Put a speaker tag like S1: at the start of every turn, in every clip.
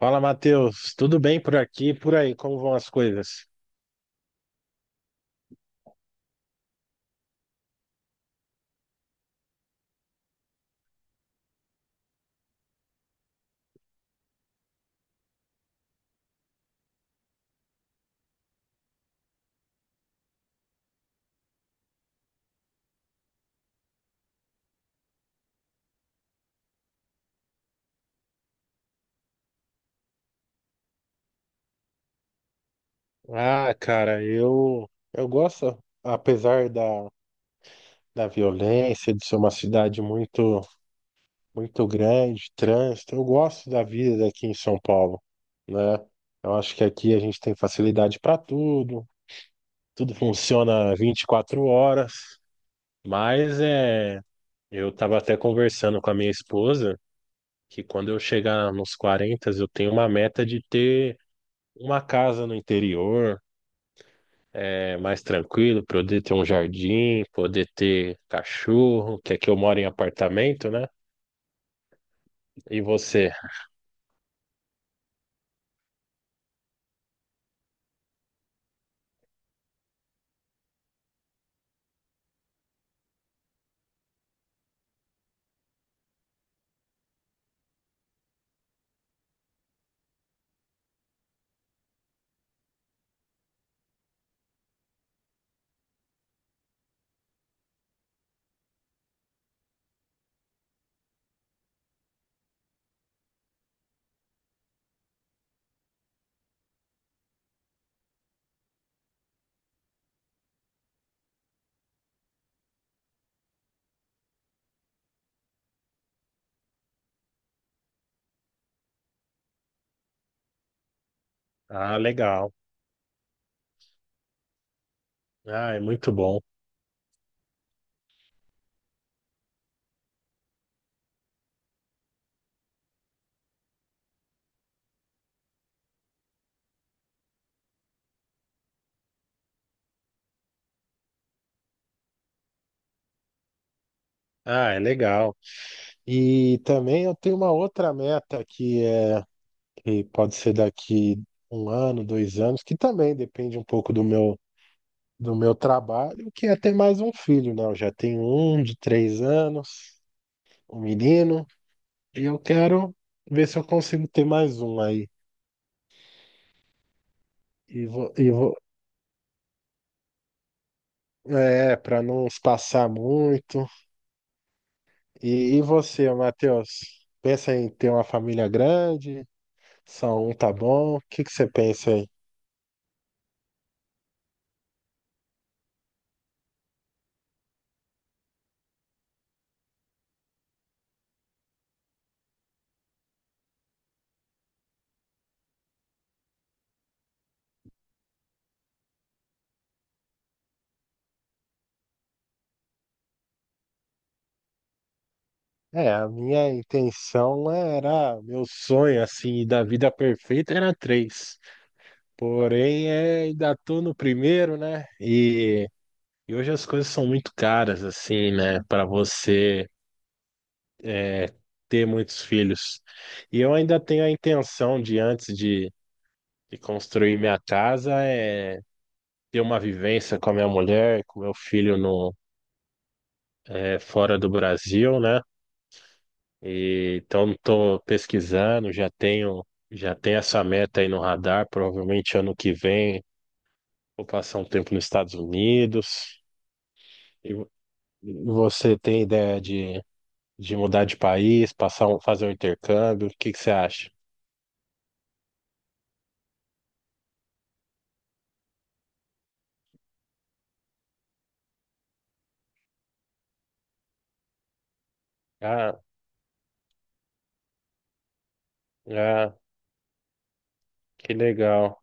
S1: Fala, Matheus. Tudo bem por aqui e por aí? Como vão as coisas? Ah, cara, eu gosto, apesar da violência, de ser uma cidade muito muito grande, trânsito. Eu gosto da vida daqui em São Paulo, né? Eu acho que aqui a gente tem facilidade para tudo, tudo funciona 24 horas, mas eu estava até conversando com a minha esposa que quando eu chegar nos 40, eu tenho uma meta de ter uma casa no interior, mais tranquilo, poder ter um jardim, poder ter cachorro, que aqui eu moro em apartamento, né? E você? Ah, legal. Ah, é muito bom. Ah, é legal. E também eu tenho uma outra meta que pode ser daqui um ano, 2 anos, que também depende um pouco do meu trabalho, que é ter mais um filho, né? Eu já tenho um de 3 anos, um menino, e eu quero ver se eu consigo ter mais um aí. E para não espaçar muito. E você, Matheus? Pensa em ter uma família grande? Só um tá bom? O que que você pensa aí? A minha intenção era, meu sonho assim da vida perfeita era três. Porém, ainda tô no primeiro, né? E hoje as coisas são muito caras assim, né? Para você é, ter muitos filhos. E eu ainda tenho a intenção de antes de construir minha casa é ter uma vivência com a minha mulher, com meu filho no é, fora do Brasil, né? E, então estou pesquisando, já tenho essa meta aí no radar, provavelmente ano que vem vou passar um tempo nos Estados Unidos. E vo- Você tem ideia de mudar de país, fazer um intercâmbio? O que que você acha? Ah, ah, que legal.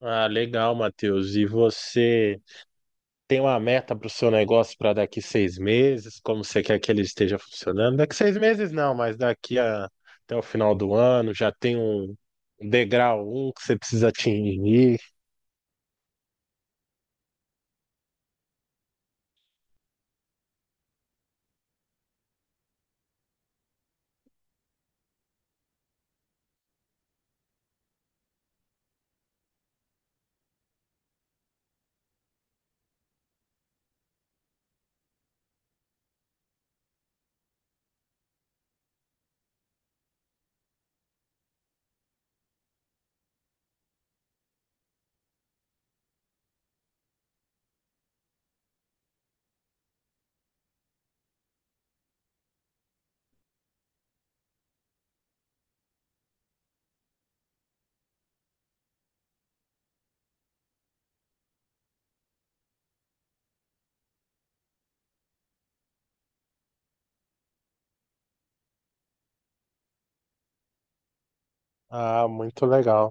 S1: Ah, legal, Matheus. E você? Tem uma meta para o seu negócio para daqui 6 meses, como você quer que ele esteja funcionando. Daqui 6 meses não, mas até o final do ano já tem um degrau um que você precisa atingir. Ah, muito legal.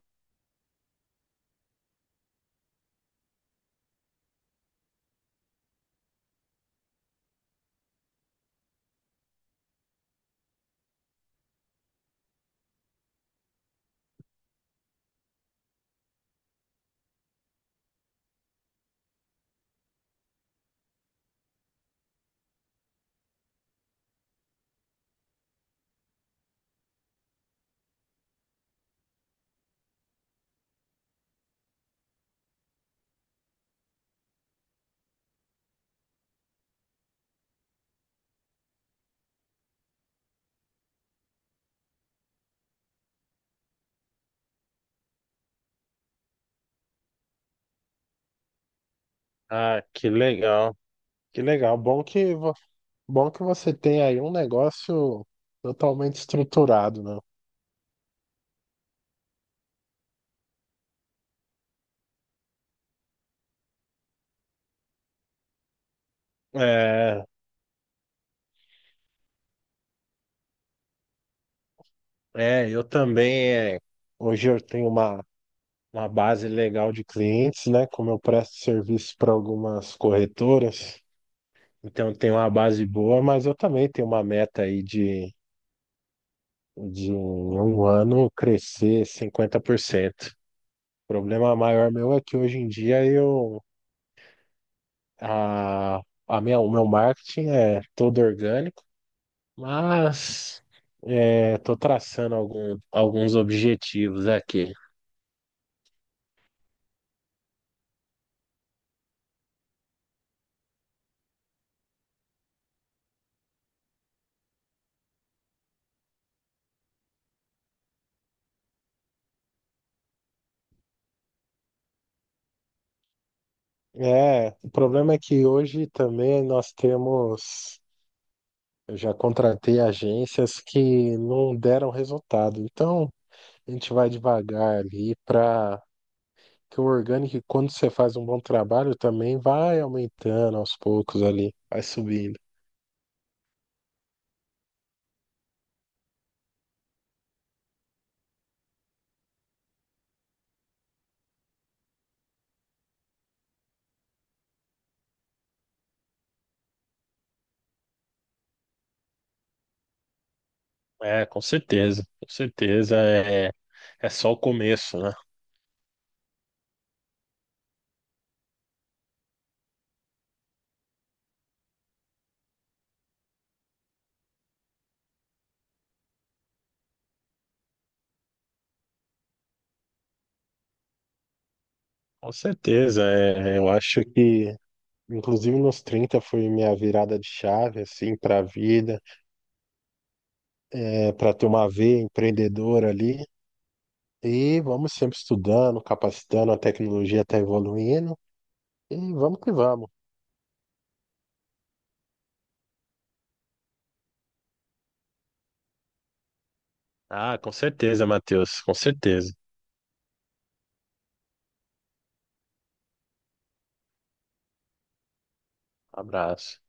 S1: Ah, que legal, que legal. Bom que você tem aí um negócio totalmente estruturado, né? É, é, eu também. Hoje eu tenho uma base legal de clientes, né? Como eu presto serviço para algumas corretoras, então eu tenho uma base boa, mas eu também tenho uma meta aí de um ano crescer 50%. O problema maior meu é que hoje em dia eu a, o meu marketing é todo orgânico, mas estou traçando alguns objetivos aqui. É, o problema é que hoje também nós temos eu já contratei agências que não deram resultado. Então, a gente vai devagar ali para que o orgânico, quando você faz um bom trabalho, também vai aumentando aos poucos ali, vai subindo. É, com certeza é só o começo, né? Com certeza, eu acho que inclusive, nos 30 foi minha virada de chave, assim, para a vida, para ter uma veia empreendedora ali. E vamos sempre estudando, capacitando, a tecnologia está evoluindo. E vamos que vamos. Ah, com certeza, Matheus, com certeza. Abraço.